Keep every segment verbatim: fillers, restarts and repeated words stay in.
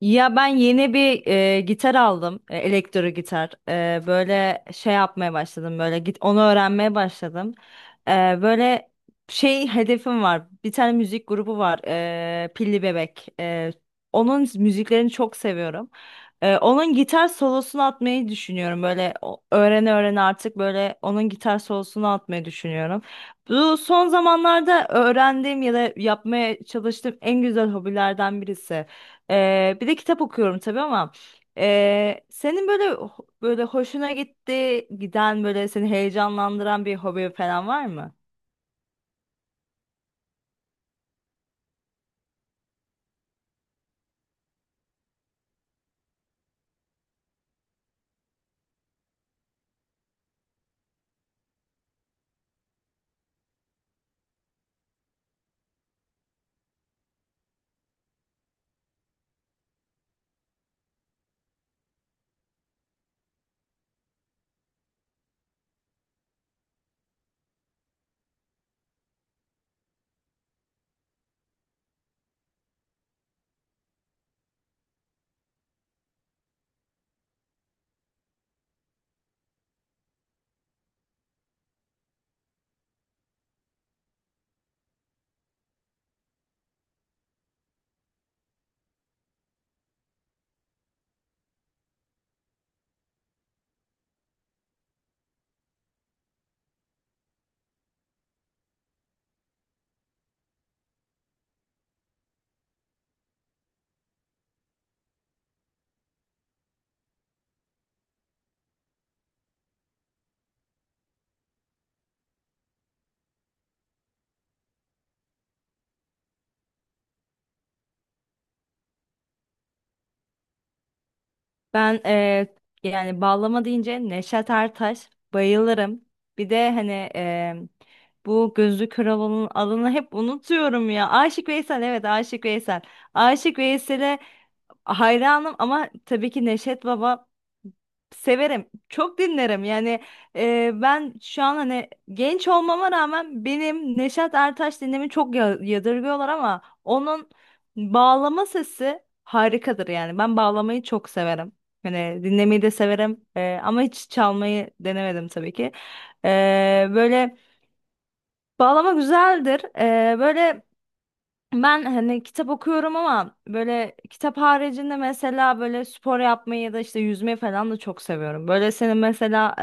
Ya ben yeni bir e, gitar aldım. E, elektro gitar. E, böyle şey yapmaya başladım. Böyle git onu öğrenmeye başladım. E, Böyle şey hedefim var. Bir tane müzik grubu var. E, Pilli Bebek. E, onun müziklerini çok seviyorum. E, onun gitar solosunu atmayı düşünüyorum. Böyle o- öğrene öğrene artık böyle onun gitar solosunu atmayı düşünüyorum. Bu son zamanlarda öğrendiğim ya da yapmaya çalıştığım en güzel hobilerden birisi. Ee, bir de kitap okuyorum tabii, ama ee, senin böyle ho- böyle hoşuna gitti giden böyle seni heyecanlandıran bir hobi falan var mı? Ben ee, yani bağlama deyince Neşet Ertaş bayılırım. Bir de hani ee, bu Gözlü Kralı'nın adını hep unutuyorum ya. Aşık Veysel, evet, Aşık Veysel. Aşık Veysel'e hayranım, ama tabii ki Neşet Baba severim. Çok dinlerim. Yani e, ben şu an hani genç olmama rağmen benim Neşet Ertaş dinlemi çok ya- yadırgıyorlar, ama onun bağlama sesi harikadır yani. Ben bağlamayı çok severim. Hani dinlemeyi de severim, E, ama hiç çalmayı denemedim tabii ki. E, Böyle bağlama güzeldir. E, böyle ben hani kitap okuyorum, ama böyle kitap haricinde mesela böyle spor yapmayı ya da işte yüzmeyi falan da çok seviyorum. Böyle senin mesela,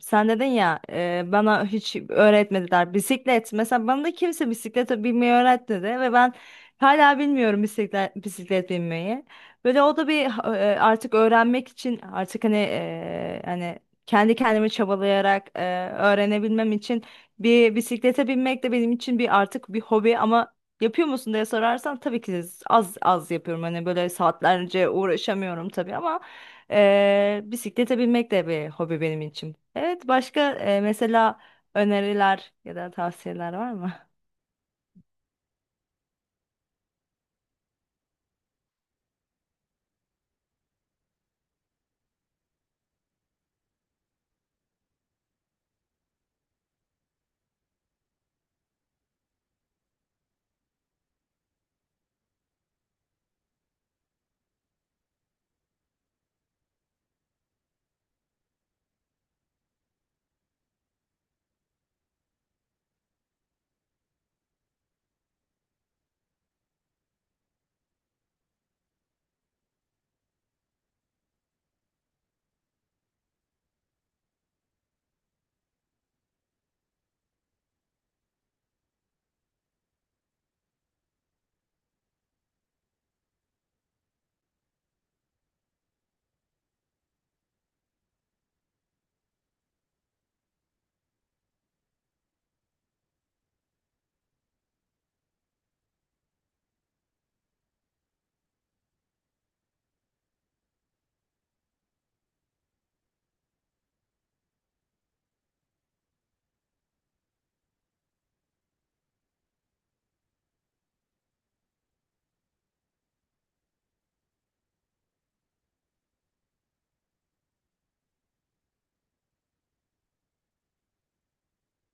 sen dedin ya e, bana hiç öğretmediler bisiklet. Mesela bana da kimse bisiklete binmeyi öğretmedi ve ben hala bilmiyorum bisiklet, bisiklet binmeyi. Böyle o da bir e, artık öğrenmek için, artık hani e, hani kendi kendimi çabalayarak e, öğrenebilmem için bir bisiklete binmek de benim için bir artık bir hobi, ama yapıyor musun diye sorarsan tabii ki az az yapıyorum. Hani böyle saatlerce uğraşamıyorum tabii, ama Eee, bisiklete binmek de bir hobi benim için. Evet, başka eee, mesela öneriler ya da tavsiyeler var mı?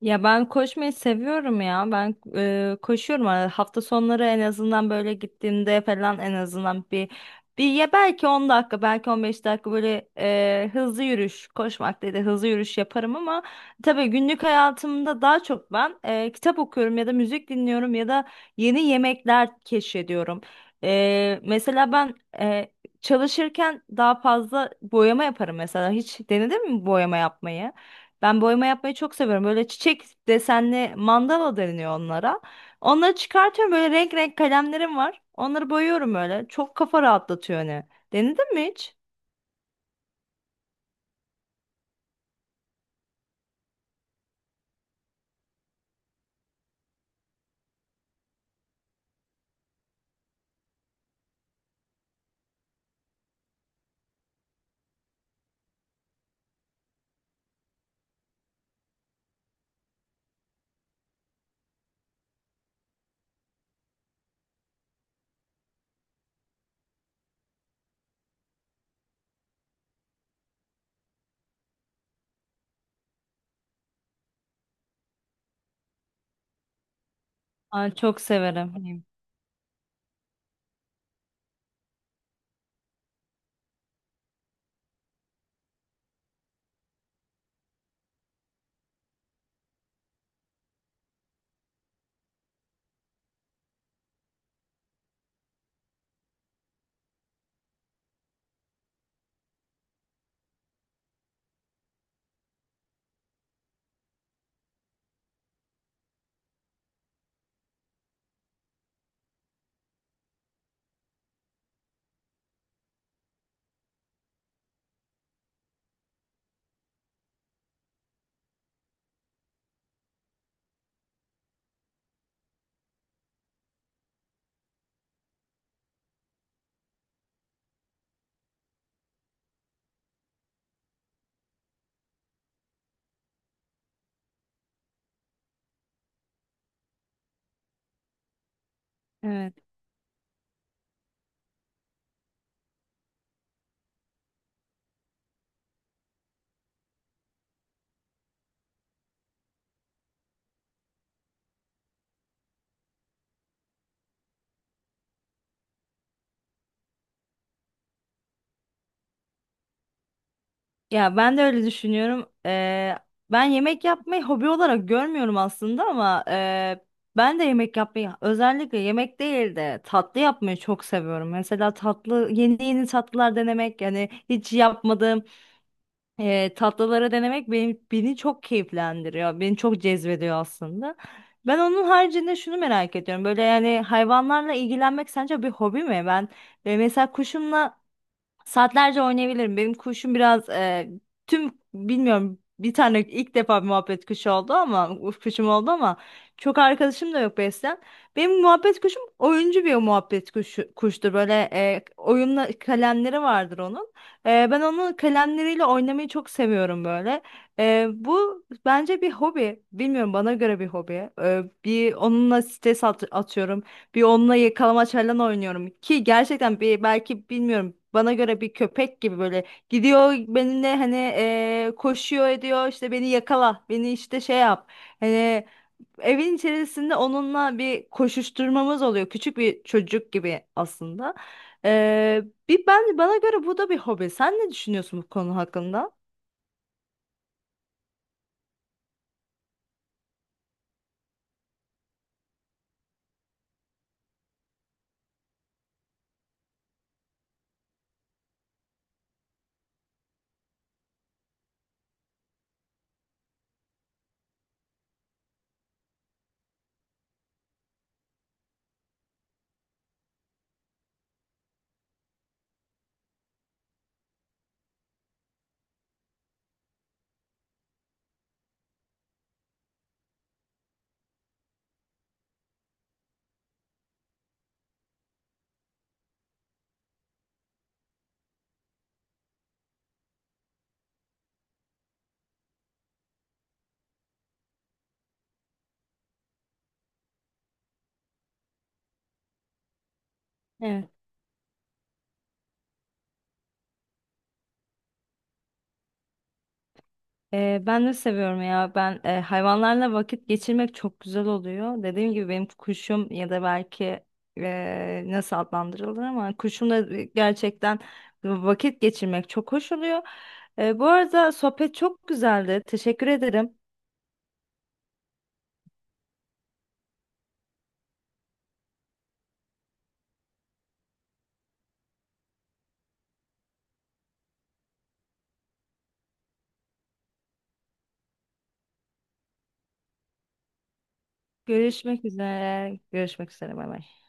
Ya ben koşmayı seviyorum ya. Ben e, koşuyorum. Yani hafta sonları en azından, böyle gittiğimde falan, en azından bir bir ya belki on dakika, belki on beş dakika böyle e, hızlı yürüyüş, koşmak değil de hızlı yürüyüş yaparım, ama tabii günlük hayatımda daha çok ben e, kitap okuyorum ya da müzik dinliyorum ya da yeni yemekler keşfediyorum. E, mesela ben e, çalışırken daha fazla boyama yaparım mesela. Hiç denedin mi boyama yapmayı? Ben boyama yapmayı çok seviyorum. Böyle çiçek desenli, mandala deniyor onlara. Onları çıkartıyorum. Böyle renk renk kalemlerim var. Onları boyuyorum böyle. Çok kafa rahatlatıyor hani. Denedin mi hiç? Ay, çok severim. Benim. Evet. Ya ben de öyle düşünüyorum. Ee, ben yemek yapmayı hobi olarak görmüyorum aslında, ama e, ben de yemek yapmayı, özellikle yemek değil de tatlı yapmayı çok seviyorum. Mesela tatlı, yeni yeni tatlılar denemek, yani hiç yapmadığım E, tatlıları denemek beni, beni çok keyiflendiriyor. Beni çok cezbediyor aslında. Ben onun haricinde şunu merak ediyorum. Böyle yani hayvanlarla ilgilenmek sence bir hobi mi? Ben e, mesela kuşumla saatlerce oynayabilirim. Benim kuşum biraz e, tüm bilmiyorum, bir tane, ilk defa bir muhabbet kuşu oldu, ama uf, kuşum oldu, ama çok arkadaşım da yok beslem. Benim muhabbet kuşum oyuncu bir muhabbet kuşu, kuştur. Böyle e, oyunla kalemleri vardır onun. E, ben onun kalemleriyle oynamayı çok seviyorum böyle. E, bu bence bir hobi. Bilmiyorum, bana göre bir hobi. E, bir onunla stres at- atıyorum. Bir onunla yakalamaç falan oynuyorum ki gerçekten, bir belki bilmiyorum, bana göre bir köpek gibi böyle gidiyor benimle hani, eee, koşuyor, ediyor, işte beni yakala, beni işte şey yap hani, evin içerisinde onunla bir koşuşturmamız oluyor küçük bir çocuk gibi aslında. Eee, bir ben, bana göre bu da bir hobi. Sen ne düşünüyorsun bu konu hakkında? Ee, ben de seviyorum ya. Ben e, hayvanlarla vakit geçirmek çok güzel oluyor. Dediğim gibi benim kuşum ya da belki e, nasıl adlandırılır, ama kuşumla gerçekten vakit geçirmek çok hoş oluyor. E, bu arada sohbet çok güzeldi. Teşekkür ederim. Görüşmek üzere. Görüşmek üzere. Bay bay.